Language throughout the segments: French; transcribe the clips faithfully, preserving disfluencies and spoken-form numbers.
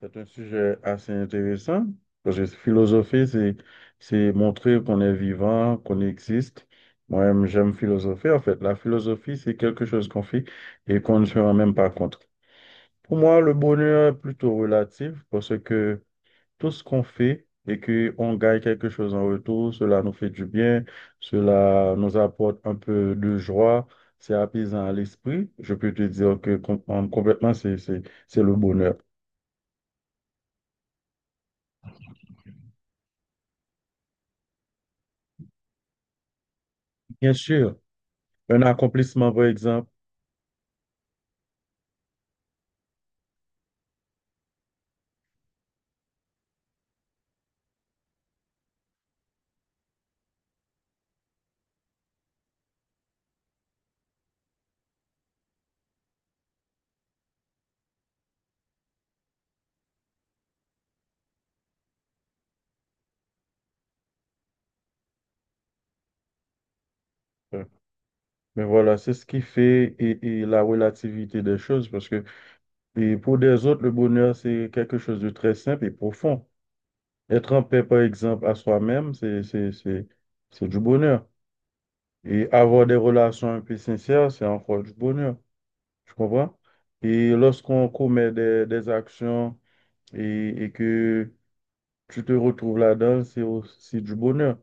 C'est un sujet assez intéressant parce que philosopher, c'est, c'est montrer qu'on est vivant, qu'on existe. Moi-même, j'aime philosopher. En fait, la philosophie, c'est quelque chose qu'on fait et qu'on ne se rend même pas compte. Pour moi, le bonheur est plutôt relatif parce que tout ce qu'on fait et qu'on gagne quelque chose en retour, cela nous fait du bien, cela nous apporte un peu de joie, c'est apaisant à l'esprit. Je peux te dire que com- complètement, c'est, c'est, c'est le bonheur. Bien sûr. Un accomplissement, par exemple. Euh, Mais voilà, c'est ce qui fait et, et la relativité des choses, parce que et pour des autres, le bonheur, c'est quelque chose de très simple et profond. Être en paix, par exemple, à soi-même, c'est, c'est, c'est, c'est du bonheur. Et avoir des relations un peu sincères, c'est encore du bonheur. Tu comprends? Et lorsqu'on commet des, des actions et, et que tu te retrouves là-dedans, c'est aussi du bonheur.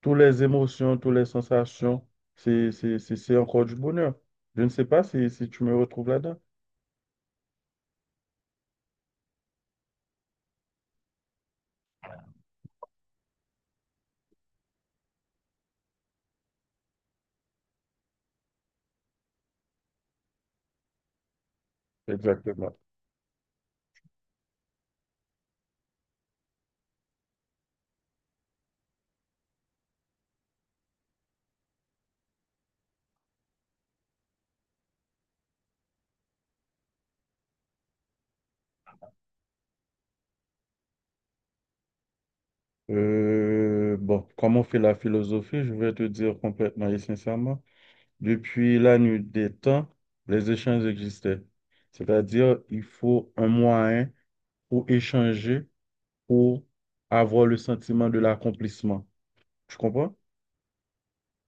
Toutes les émotions, toutes les sensations, c'est, c'est, c'est, c'est encore du bonheur. Je ne sais pas si, si tu me retrouves là-dedans. Exactement. Euh, bon, comme on fait la philosophie, je vais te dire complètement et sincèrement, depuis la nuit des temps, les échanges existaient. C'est-à-dire, il faut un moyen pour échanger, pour avoir le sentiment de l'accomplissement. Tu comprends?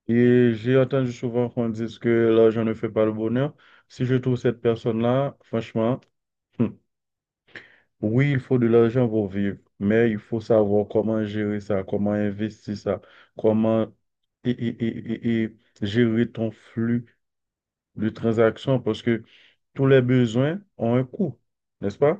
Et j'ai entendu souvent qu'on dise que l'argent ne fait pas le bonheur. Si je trouve cette personne-là, franchement, hmm, oui, il faut de l'argent pour vivre, mais il faut savoir comment gérer ça, comment investir ça, comment et, et- et- et- et gérer ton flux de transactions, parce que tous les besoins ont un coût, n'est-ce pas?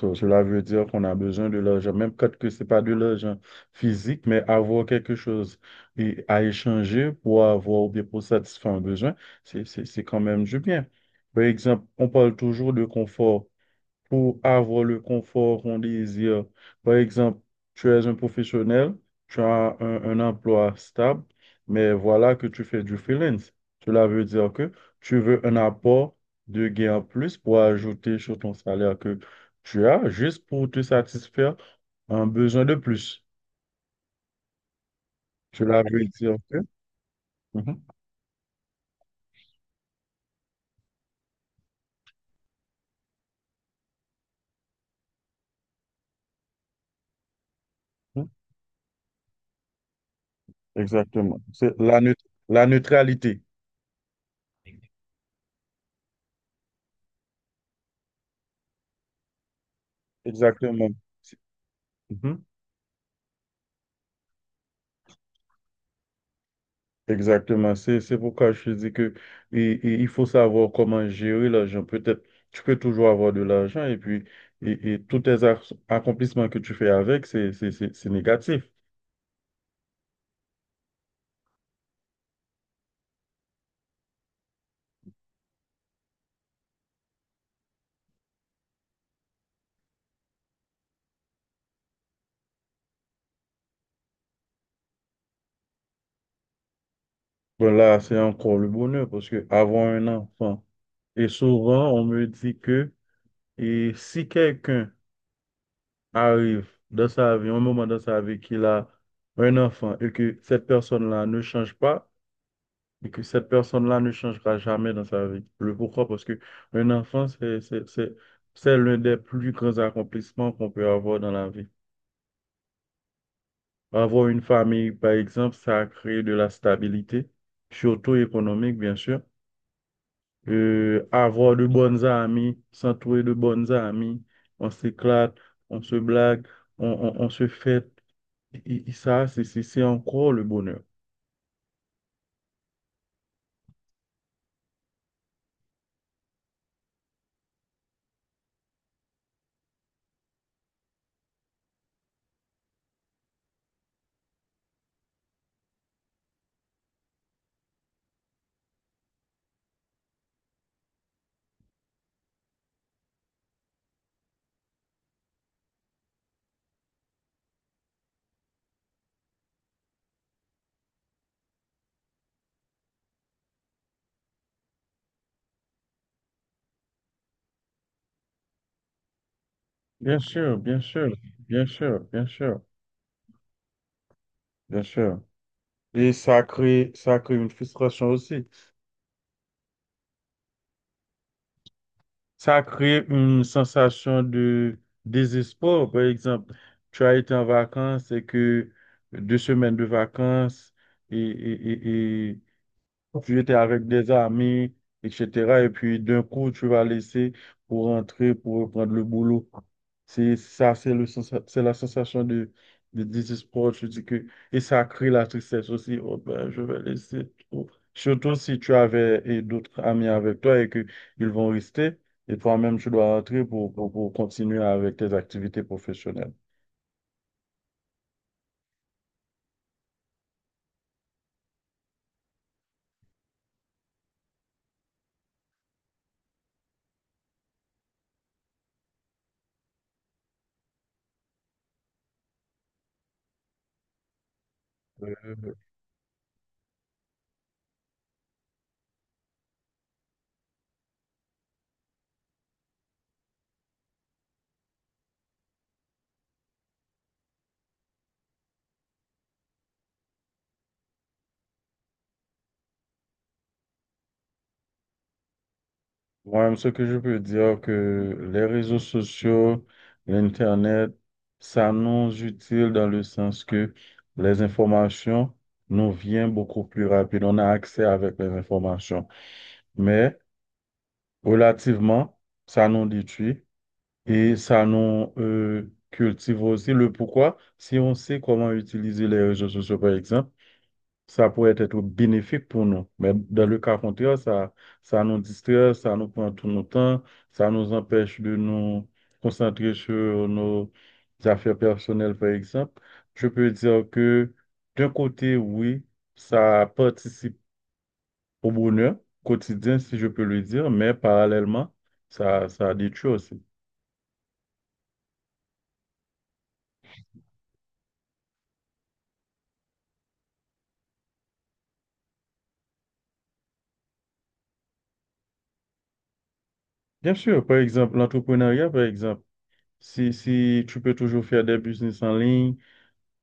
So, cela veut dire qu'on a besoin de l'argent, même quand que c'est pas de l'argent physique, mais avoir quelque chose et à échanger pour avoir ou bien pour satisfaire un besoin, c'est, c'est, c'est quand même du bien. Par exemple, on parle toujours de confort pour avoir le confort qu'on désire. Par exemple, tu es un professionnel, tu as un, un emploi stable, mais voilà que tu fais du freelance. Cela veut dire que tu veux un apport de gain en plus pour ajouter sur ton salaire que tu as juste pour te satisfaire un besoin de plus. Cela veut dire que... Mhm, mhm, exactement. C'est la, neut- la neutralité. Exactement. Mhm. Exactement, c'est c'est pourquoi je te dis que et, et il faut savoir comment gérer l'argent. Peut-être tu peux toujours avoir de l'argent et puis et, et tous tes ac- accomplissements que tu fais avec, c'est c'est- c'est- c'est négatif. Bon là, c'est encore le bonheur parce que avoir un enfant et souvent on me dit que et si quelqu'un arrive dans sa vie, un moment dans sa vie qu'il a un enfant et que cette personne-là ne change pas, et que cette personne-là ne changera jamais dans sa vie. Le pourquoi? Parce que un enfant, c'est, c'est, c'est, c'est l'un des plus grands accomplissements qu'on peut avoir dans la vie. Avoir une famille, par exemple, ça crée de la stabilité, surtout économique, bien sûr. Euh, avoir de bonnes amies, s'entourer de bonnes amies, on s'éclate, on se blague, on, on, on se fête. Et, et ça, c'est c'est- c'est encore le bonheur. Bien sûr, bien sûr, bien sûr, bien sûr, bien sûr. Et ça crée, ça crée une frustration aussi. Ça crée une sensation de désespoir. Par exemple, tu as été en vacances et, que deux semaines de vacances et, et, et, Tu étais avec des amis, et cetera. Et puis d'un coup, tu vas laisser pour rentrer, pour reprendre le boulot. C'est ça, c'est le sensa- c'est la sensation de, de désespoir. Je dis que, et ça crée la tristesse aussi. Oh ben, je vais laisser tout. Surtout si tu avais et d'autres amis avec toi et que ils vont rester. Et toi-même, tu dois rentrer pour, pour, pour continuer avec tes activités professionnelles. Moi, ce que je peux dire que les réseaux sociaux, l'Internet, ça nous utile dans le sens que les informations nous viennent beaucoup plus rapide. On a accès avec les informations. Mais relativement, ça nous détruit et ça nous euh, cultive aussi le pourquoi. Si on sait comment utiliser les réseaux sociaux, par exemple, ça pourrait être bénéfique pour nous. Mais dans le cas contraire, ça, ça nous distrait, ça nous prend tout notre temps, ça nous empêche de nous concentrer sur nos affaires personnelles, par exemple. Je peux dire que d'un côté, oui, ça participe au bonheur quotidien, si je peux le dire, mais parallèlement, ça, ça détruit aussi. Bien sûr, par exemple, l'entrepreneuriat, par exemple, si, si tu peux toujours faire des business en ligne,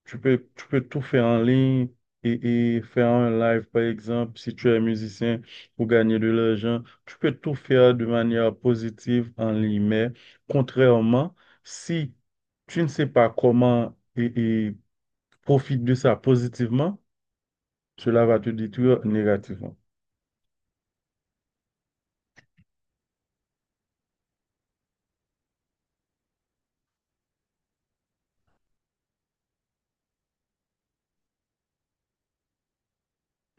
Tu peux, tu peux tout faire en ligne et, et faire un live, par exemple, si tu es musicien pour gagner de l'argent. Tu peux tout faire de manière positive en ligne. Mais contrairement, si tu ne sais pas comment et, et profite de ça positivement, cela va te détruire négativement.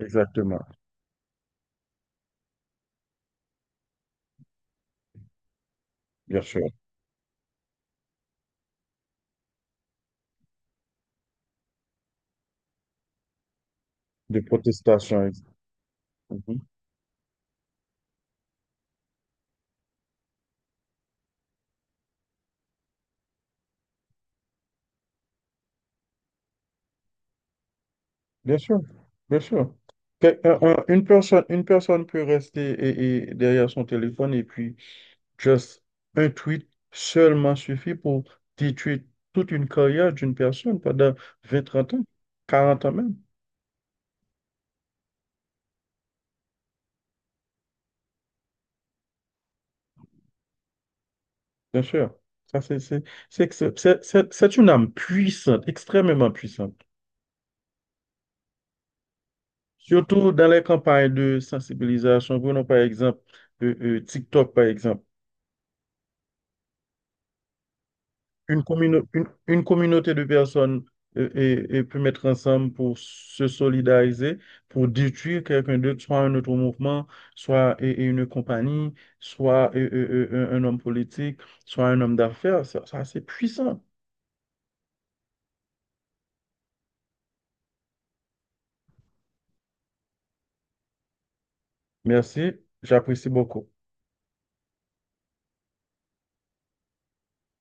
Exactement, bien sûr. Des protestations. ex- Mhm. Bien sûr, bien sûr. Que- un- un- Une personne, une personne peut rester et- et derrière son téléphone et puis just un tweet seulement suffit pour détruire toute une carrière d'une personne pendant vingt trente ans, quarante ans même, bien sûr. Ça, c'est c'est- c'est que c'est- c'est- c'est- c'est une âme puissante, extrêmement puissante. Surtout dans les campagnes de sensibilisation. Prenons par exemple euh, euh, TikTok, par exemple. une, commune une, une communauté de personnes euh, et, et peut mettre ensemble pour se solidariser, pour détruire quelqu'un d'autre, soit un autre mouvement, soit et- et une compagnie, soit euh, euh, euh, un un homme politique, soit un homme d'affaires. Ça, ça, c'est puissant. Merci, j'apprécie beaucoup.